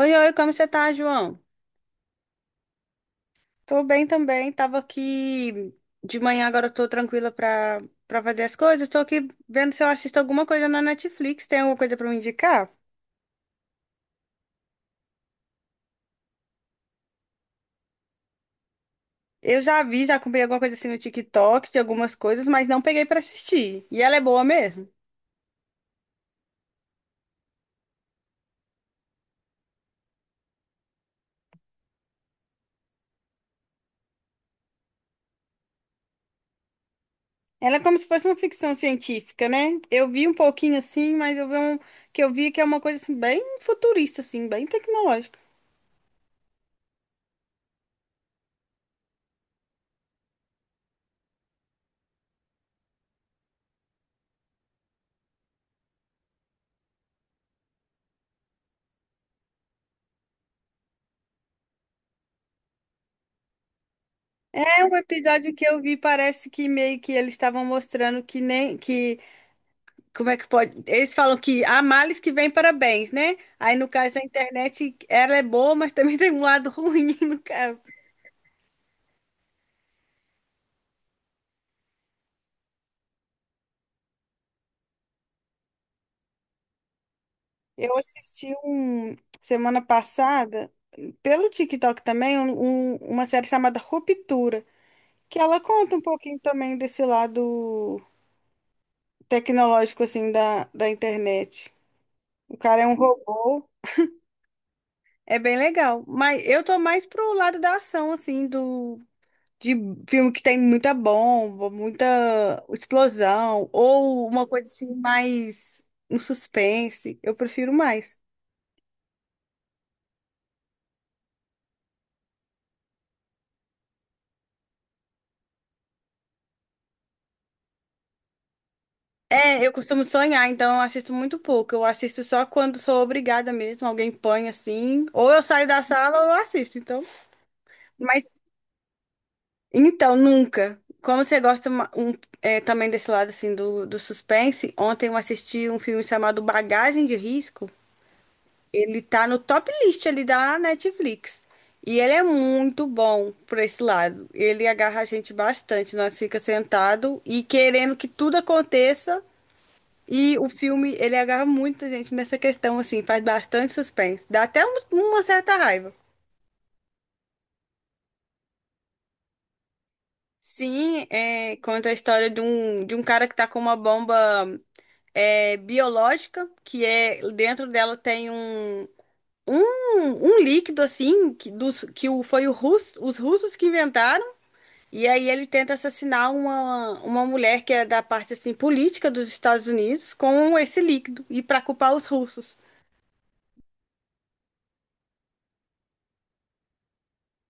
Oi, oi, como você tá, João? Tô bem também, tava aqui de manhã, agora eu tô tranquila pra fazer as coisas. Tô aqui vendo se eu assisto alguma coisa na Netflix, tem alguma coisa pra me indicar? Eu já vi, já comprei alguma coisa assim no TikTok de algumas coisas, mas não peguei pra assistir. E ela é boa mesmo? Ela é como se fosse uma ficção científica, né? Eu vi um pouquinho assim, mas eu vi um, que eu vi que é uma coisa assim bem futurista assim, bem tecnológica. É um episódio que eu vi, parece que meio que eles estavam mostrando que nem que. Como é que pode? Eles falam que há males que vêm para bens, né? Aí, no caso, a internet, ela é boa, mas também tem um lado ruim, no caso. Eu assisti um, semana passada, pelo TikTok também, uma série chamada Ruptura, que ela conta um pouquinho também desse lado tecnológico, assim, da internet. O cara é um robô, é bem legal. Mas eu tô mais pro lado da ação, assim, do de filme que tem muita bomba, muita explosão, ou uma coisa assim mais um suspense. Eu prefiro mais. É, eu costumo sonhar, então eu assisto muito pouco. Eu assisto só quando sou obrigada mesmo, alguém põe assim, ou eu saio da sala ou eu assisto, então. Mas então nunca. Como você gosta também desse lado assim do, do suspense, ontem eu assisti um filme chamado Bagagem de Risco. Ele tá no top list ali da Netflix. E ele é muito bom por esse lado. Ele agarra a gente bastante. Nós fica sentado e querendo que tudo aconteça. E o filme, ele agarra muita gente nessa questão, assim, faz bastante suspense. Dá até uma certa raiva. Sim, é, conta a história de um cara que tá com uma bomba biológica, que é dentro dela tem um, um líquido assim que, dos, que o, os russos que inventaram. E aí ele tenta assassinar uma mulher que é da parte assim política dos Estados Unidos com esse líquido e para culpar os russos.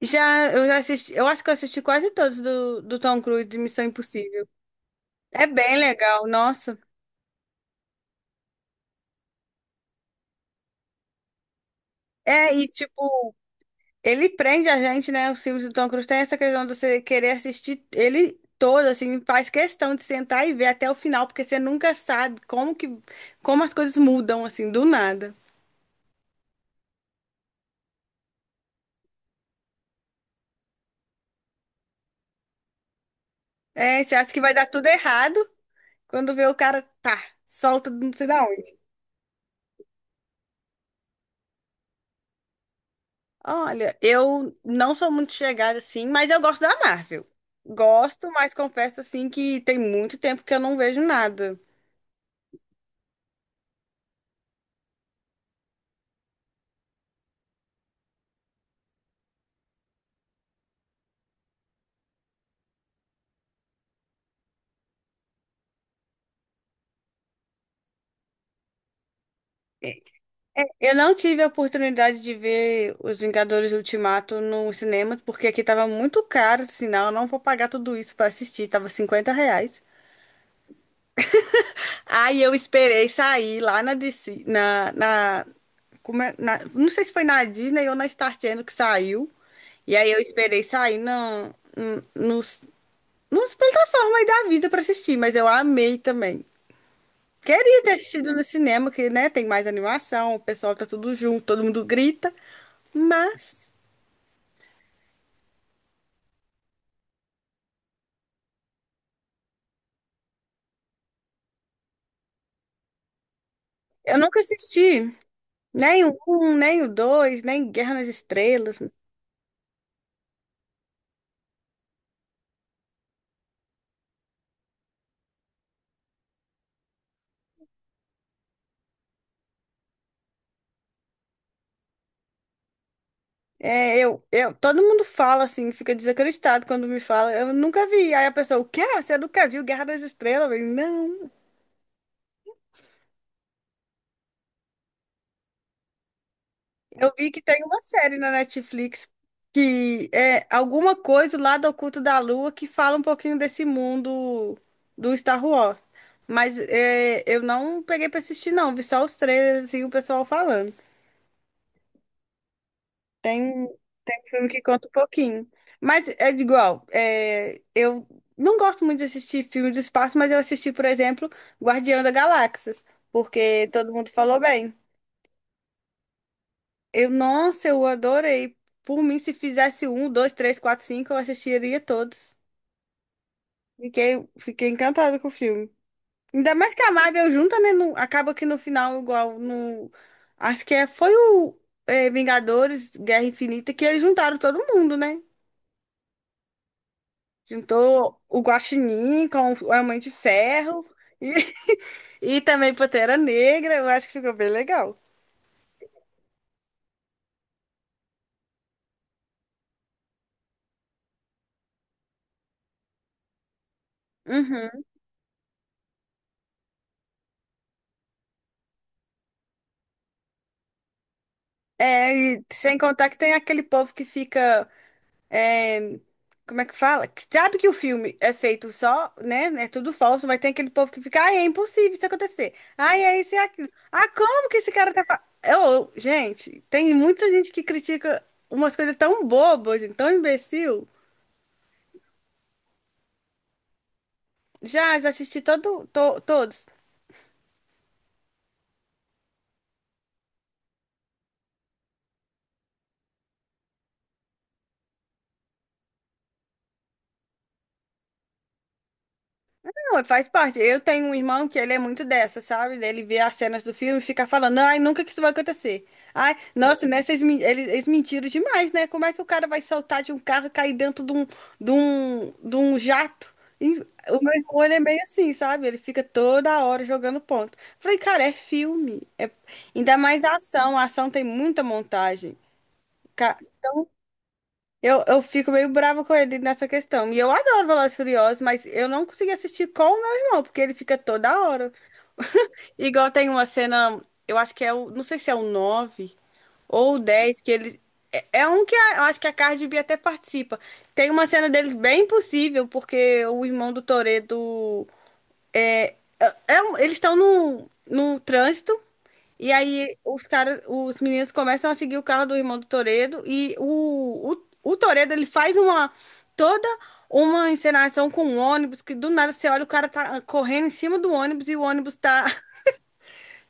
Já eu já assisti, eu acho que eu assisti quase todos do, do Tom Cruise de Missão Impossível. É bem legal, nossa. É, e tipo, ele prende a gente, né? Os filmes do Tom Cruise tem essa questão de você querer assistir ele todo, assim, faz questão de sentar e ver até o final, porque você nunca sabe como que, como as coisas mudam, assim, do nada. É, você acha que vai dar tudo errado, quando vê o cara, tá, solta não sei da onde. Olha, eu não sou muito chegada, assim, mas eu gosto da Marvel. Gosto, mas confesso, assim, que tem muito tempo que eu não vejo nada. Eu não tive a oportunidade de ver Os Vingadores Ultimato no cinema, porque aqui tava muito caro, sinal, eu não vou pagar tudo isso pra assistir, tava R$ 50. Aí eu esperei sair lá na DC, na, na, como é- na- não sei se foi na Disney ou na Star Channel que saiu. E aí eu esperei sair nos plataformas aí da vida pra assistir, mas eu amei também. Queria ter assistido no cinema, que, né, tem mais animação, o pessoal tá tudo junto, todo mundo grita, mas eu nunca assisti nem o um, nem o dois, nem Guerra nas Estrelas. É, todo mundo fala assim, fica desacreditado quando me fala. Eu nunca vi. Aí a pessoa, o quê? Você nunca viu Guerra nas Estrelas? Eu, falei, não. Eu vi que tem uma série na Netflix que é alguma coisa lá do Oculto da Lua que fala um pouquinho desse mundo do Star Wars. Mas é, eu não peguei pra assistir, não. Vi só os trailers e o pessoal falando. Tem, tem filme que conta um pouquinho. Mas é igual, é, eu não gosto muito de assistir filme de espaço, mas eu assisti, por exemplo, Guardião da Galáxia, porque todo mundo falou bem. Eu, nossa, eu adorei. Por mim, se fizesse um, dois, três, quatro, cinco, eu assistiria todos. Fiquei encantada com o filme. Ainda mais que a Marvel junta, né? Acaba que no final, igual no. Acho que foi o Vingadores, Guerra Infinita, que eles juntaram todo mundo, né? Juntou o Guaxinim com a Mãe de Ferro e, e também Pantera Negra. Eu acho que ficou bem legal. Uhum. É, e sem contar que tem aquele povo que fica. é, Como é que fala? Que sabe que o filme é feito só, né? É tudo falso, mas tem aquele povo que fica. Ai, é impossível isso acontecer. Ai, é isso e aquilo. Ah, como que esse cara tá. Eu, gente, tem muita gente que critica umas coisas tão bobas, gente, tão imbecil. Já assisti todos. Não, faz parte. Eu tenho um irmão que ele é muito dessa, sabe? Ele vê as cenas do filme e fica falando, ai, nunca que isso vai acontecer. Ai, nossa, né? Eles mentiram demais, né? Como é que o cara vai saltar de um carro e cair dentro de um, de um, de um jato? E o meu irmão, ele é meio assim, sabe? Ele fica toda hora jogando ponto. Eu falei, cara, é filme. Ainda mais a ação. A ação tem muita montagem. Eu fico meio brava com ele nessa questão. E eu adoro Velozes e Furiosos, mas eu não consegui assistir com o meu irmão, porque ele fica toda hora. Igual tem uma cena, eu acho que é o, não sei se é o 9 ou o 10 que ele. É um que eu acho que a Cardi B até participa. Tem uma cena deles bem impossível, porque o irmão do Toretto é, é eles estão num, num trânsito e aí os caras, os meninos começam a seguir o carro do irmão do Toredo e o Toredo ele faz uma toda uma encenação com um ônibus que do nada você olha o cara tá correndo em cima do ônibus e o ônibus tá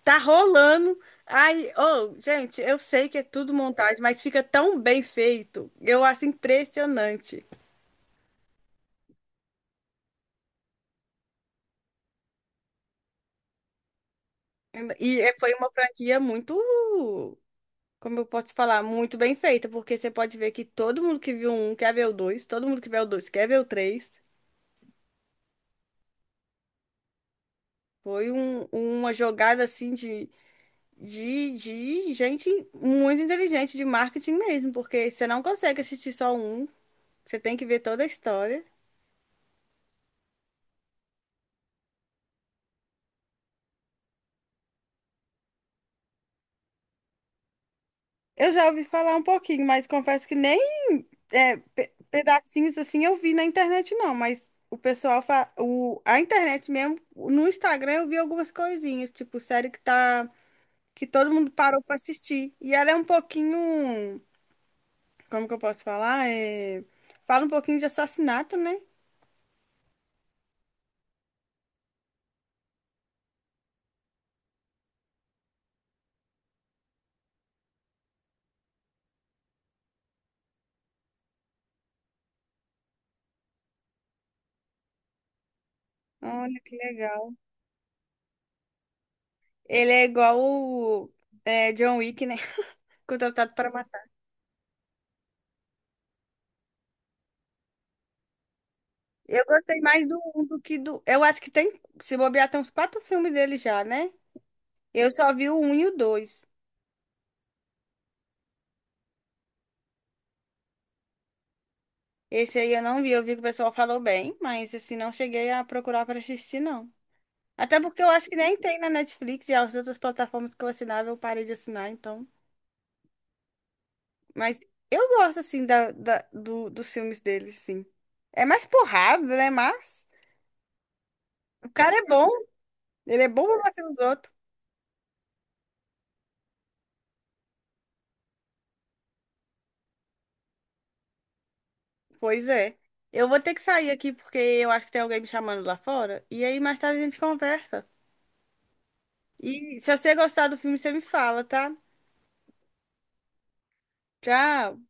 tá rolando. Ai, oh, gente, eu sei que é tudo montagem, mas fica tão bem feito. Eu acho impressionante. E foi uma franquia muito como eu posso falar, muito bem feita, porque você pode ver que todo mundo que viu um quer ver o dois, todo mundo que vê o dois quer ver o três. Foi uma jogada assim de gente muito inteligente, de marketing mesmo, porque você não consegue assistir só um, você tem que ver toda a história. Eu já ouvi falar um pouquinho, mas confesso que nem pedacinhos assim eu vi na internet, não, mas. O pessoal, a internet mesmo, no Instagram eu vi algumas coisinhas, tipo, série que tá que todo mundo parou para assistir. E ela é um pouquinho, como que eu posso falar? Fala um pouquinho de assassinato, né? Olha que legal. Ele é igual o John Wick, né? Contratado para matar. Eu gostei mais do um do que do. Eu acho que tem, se bobear, tem uns quatro filmes dele já, né? Eu só vi o um e o dois. Esse aí eu não vi, eu vi que o pessoal falou bem, mas assim, não cheguei a procurar para assistir, não. Até porque eu acho que nem tem na Netflix e as outras plataformas que eu assinava, eu parei de assinar, então. Mas eu gosto, assim, dos filmes dele, sim. É mais porrada, né? Mas o cara é bom. Ele é bom pra bater nos outros. Pois é. Eu vou ter que sair aqui porque eu acho que tem alguém me chamando lá fora. E aí mais tarde a gente conversa. E se você gostar do filme, você me fala, tá? Tchau.